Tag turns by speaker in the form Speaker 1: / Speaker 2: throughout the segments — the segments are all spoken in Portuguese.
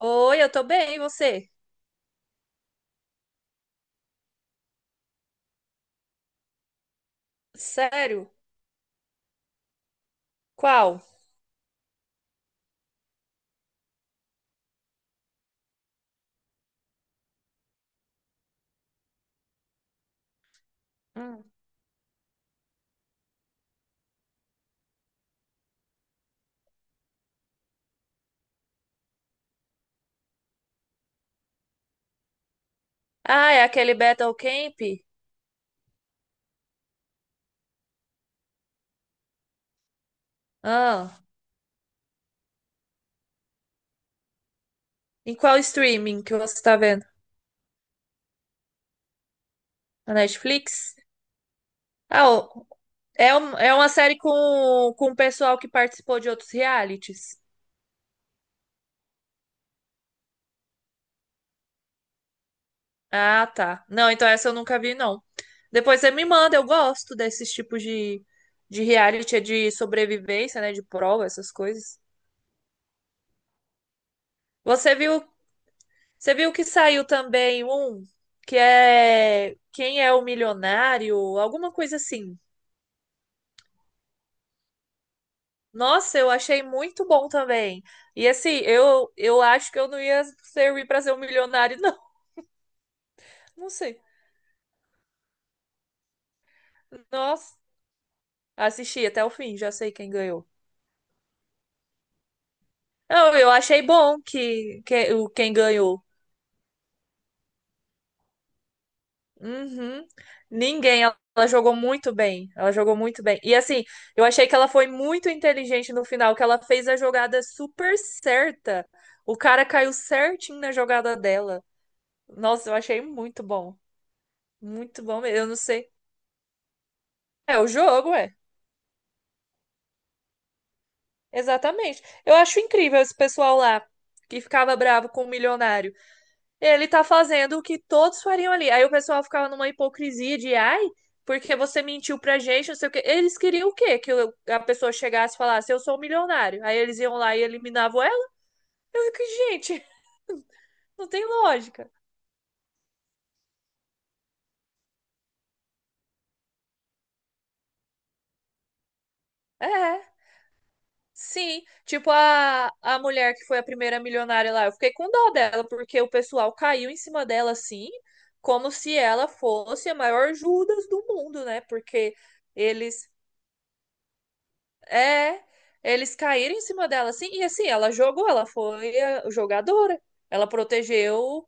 Speaker 1: Oi, eu tô bem, e você? Sério? Qual? Hum. Ah, é aquele Battle Camp? Ah, em qual streaming que você tá vendo? Na Netflix? Ah, o- é, é uma série com o pessoal que participou de outros realities. Ah, tá. Não, então essa eu nunca vi, não. Depois você me manda, eu gosto desses tipos de reality, é de sobrevivência, né? De prova, essas coisas. Você viu Você viu que saiu também um que é Quem é o Milionário? Alguma coisa assim. Nossa, eu achei muito bom também. E assim, eu acho que eu não ia servir para ser um milionário, não. Não sei. Nossa, assisti até o fim, já sei quem ganhou. Não, eu achei bom que, quem ganhou. Uhum. Ela jogou muito bem. Ela jogou muito bem. E assim, eu achei que ela foi muito inteligente no final, que ela fez a jogada super certa. O cara caiu certinho na jogada dela. Nossa, eu achei muito bom. Muito bom mesmo. Eu não sei. É o jogo, é. Exatamente. Eu acho incrível esse pessoal lá que ficava bravo com o milionário. Ele tá fazendo o que todos fariam ali. Aí o pessoal ficava numa hipocrisia de, ai, porque você mentiu pra gente, não sei o quê. Eles queriam o quê? A pessoa chegasse e falasse, eu sou um milionário. Aí eles iam lá e eliminavam ela. Eu fico, gente, não tem lógica. É, sim. Tipo a mulher que foi a primeira milionária lá, eu fiquei com dó dela, porque o pessoal caiu em cima dela assim, como se ela fosse a maior Judas do mundo, né? Porque eles É, eles caíram em cima dela, assim, e assim, ela jogou, ela foi a jogadora, ela protegeu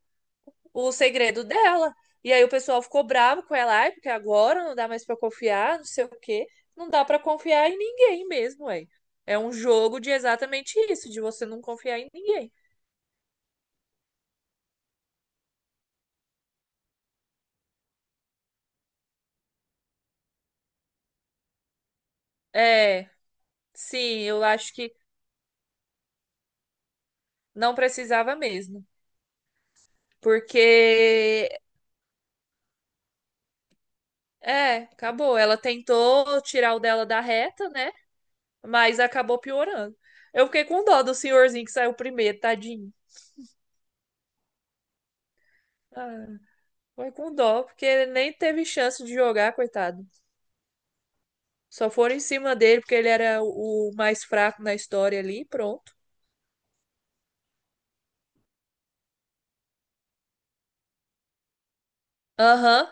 Speaker 1: o segredo dela. E aí o pessoal ficou bravo com ela, ai, porque agora não dá mais pra confiar, não sei o quê. Não dá pra confiar em ninguém mesmo, ué. É um jogo de exatamente isso, de você não confiar em ninguém. É, sim, eu acho que não precisava mesmo. Porque, é, acabou. Ela tentou tirar o dela da reta, né? Mas acabou piorando. Eu fiquei com dó do senhorzinho que saiu primeiro, tadinho. Ah, foi com dó, porque ele nem teve chance de jogar, coitado. Só foram em cima dele, porque ele era o mais fraco na história ali, pronto. Aham.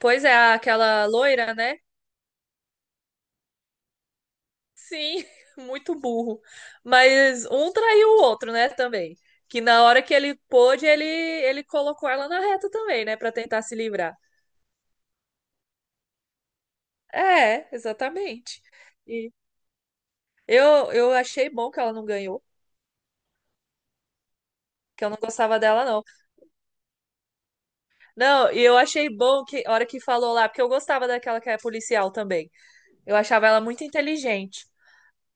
Speaker 1: Pois é, aquela loira, né? Sim, muito burro. Mas um traiu o outro, né, também. Que na hora que ele pôde, ele colocou ela na reta também, né, pra tentar se livrar. É, exatamente. Eu achei bom que ela não ganhou, que eu não gostava dela, não. Não, e eu achei bom que, a hora que falou lá, porque eu gostava daquela que é policial também. Eu achava ela muito inteligente.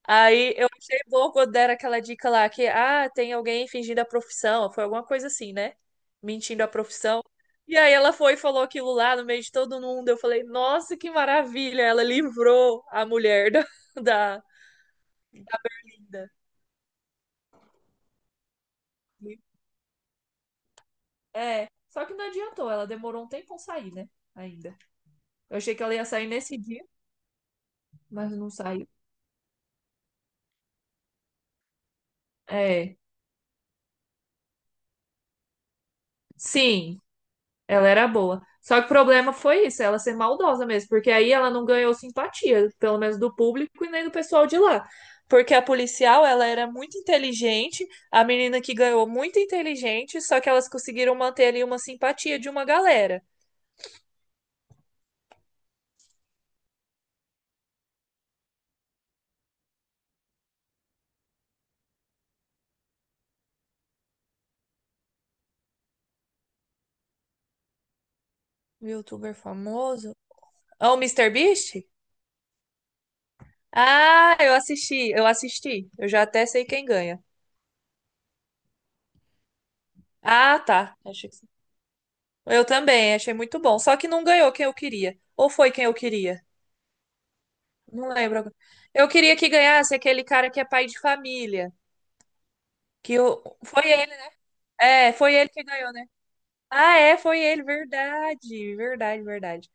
Speaker 1: Aí eu achei bom quando deram aquela dica lá que, ah, tem alguém fingindo a profissão, foi alguma coisa assim, né? Mentindo a profissão. E aí ela foi e falou aquilo lá no meio de todo mundo. Eu falei, nossa, que maravilha! Ela livrou a mulher da, da, da Berlinda. É, só que não adiantou, ela demorou um tempo a sair, né? Ainda. Eu achei que ela ia sair nesse dia, mas não saiu. É, sim, ela era boa. Só que o problema foi isso, ela ser maldosa mesmo, porque aí ela não ganhou simpatia, pelo menos do público e nem do pessoal de lá. Porque a policial, ela era muito inteligente, a menina que ganhou muito inteligente, só que elas conseguiram manter ali uma simpatia de uma galera. Um Youtuber famoso? Ah, o Mister Beast? Ah, eu assisti, eu assisti. Eu já até sei quem ganha. Ah, tá. Acho que eu também, achei muito bom. Só que não ganhou quem eu queria. Ou foi quem eu queria? Não lembro agora. Eu queria que ganhasse aquele cara que é pai de família. Que eu... Foi ele. É, foi ele que ganhou, né? Ah, é, foi ele. Verdade, verdade, verdade.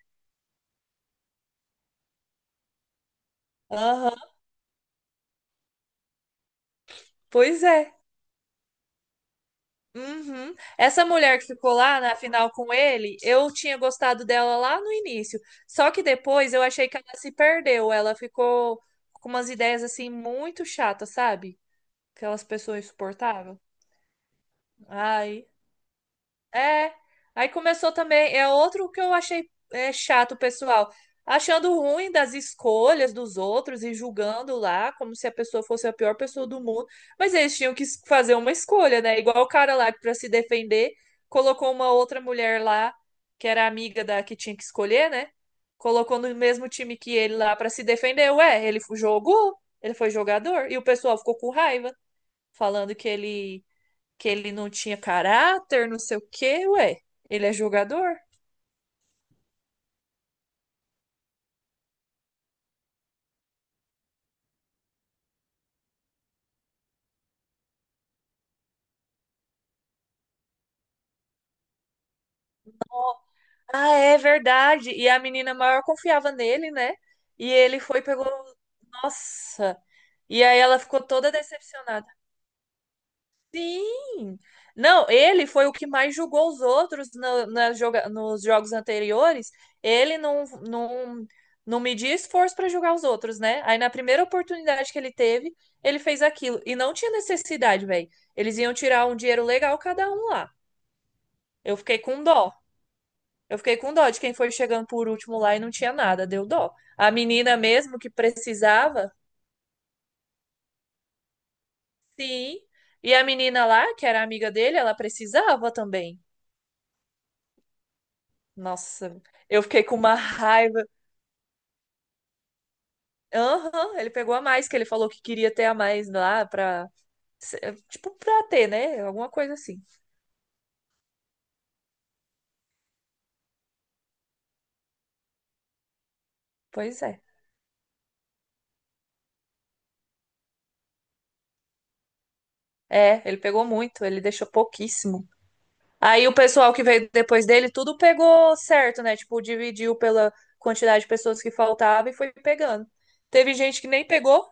Speaker 1: Aham, pois é. Uhum. Essa mulher que ficou lá na final com ele, eu tinha gostado dela lá no início. Só que depois eu achei que ela se perdeu. Ela ficou com umas ideias assim muito chatas, sabe? Aquelas pessoas insuportáveis. Ai. É, aí começou também, é outro que eu achei é, chato, pessoal, achando ruim das escolhas dos outros e julgando lá como se a pessoa fosse a pior pessoa do mundo, mas eles tinham que fazer uma escolha, né? Igual o cara lá que para se defender colocou uma outra mulher lá que era amiga da que tinha que escolher, né? Colocou no mesmo time que ele lá para se defender. Ué, jogou, ele foi jogador e o pessoal ficou com raiva, falando que ele não tinha caráter, não sei o quê, ué, ele é jogador? Ah, é verdade. E a menina maior confiava nele, né? E ele foi e pegou, nossa. E aí ela ficou toda decepcionada. Sim! Não, ele foi o que mais julgou os outros nos jogos anteriores. Ele não, não, não media esforço para julgar os outros, né? Aí na primeira oportunidade que ele teve, ele fez aquilo. E não tinha necessidade, velho. Eles iam tirar um dinheiro legal cada um lá. Eu fiquei com dó. Eu fiquei com dó de quem foi chegando por último lá e não tinha nada, deu dó. A menina mesmo que precisava, sim. E a menina lá, que era amiga dele, ela precisava também. Nossa, eu fiquei com uma raiva. Aham, ele pegou a mais, que ele falou que queria ter a mais lá pra. Tipo, pra ter, né? Alguma coisa assim. Pois é. É, ele pegou muito, ele deixou pouquíssimo. Aí o pessoal que veio depois dele, tudo pegou certo, né? Tipo, dividiu pela quantidade de pessoas que faltava e foi pegando. Teve gente que nem pegou.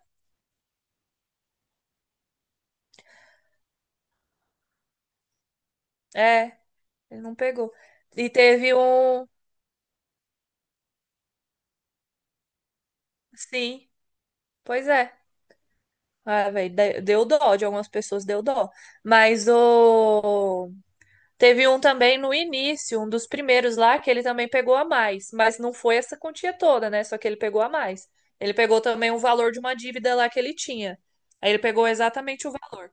Speaker 1: É, ele não pegou. E teve um. Sim, pois é. Ah, velho, deu dó de algumas pessoas, deu dó. Mas o... teve um também no início, um dos primeiros lá, que ele também pegou a mais. Mas não foi essa quantia toda, né? Só que ele pegou a mais. Ele pegou também o valor de uma dívida lá que ele tinha. Aí ele pegou exatamente o valor.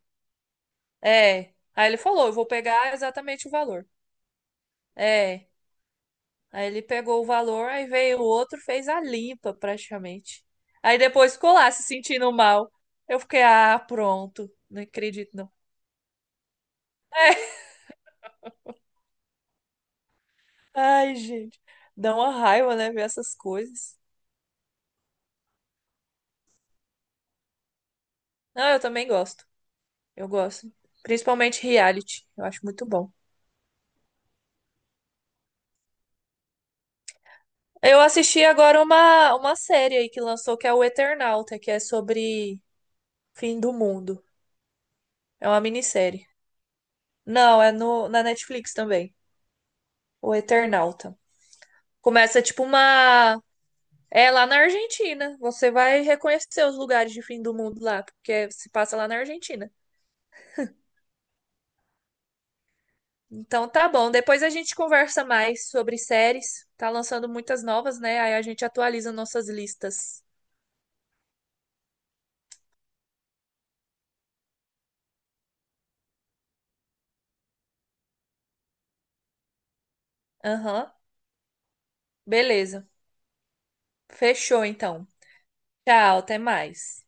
Speaker 1: É. Aí ele falou, eu vou pegar exatamente o valor. É. Aí ele pegou o valor, aí veio o outro, fez a limpa praticamente. Aí depois ficou lá se sentindo mal. Eu fiquei, ah, pronto. Não acredito, não. Ai, gente. Dá uma raiva, né, ver essas coisas. Não, eu também gosto. Eu gosto. Principalmente reality. Eu acho muito bom. Eu assisti agora uma série aí que lançou, que é o Eternauta, que é sobre fim do mundo. É uma minissérie. Não, é no, na Netflix também. O Eternauta. Começa tipo uma. É lá na Argentina. Você vai reconhecer os lugares de fim do mundo lá, porque se passa lá na Argentina. Então tá bom. Depois a gente conversa mais sobre séries. Tá lançando muitas novas, né? Aí a gente atualiza nossas listas. Aham. Beleza. Fechou então. Tchau, até mais.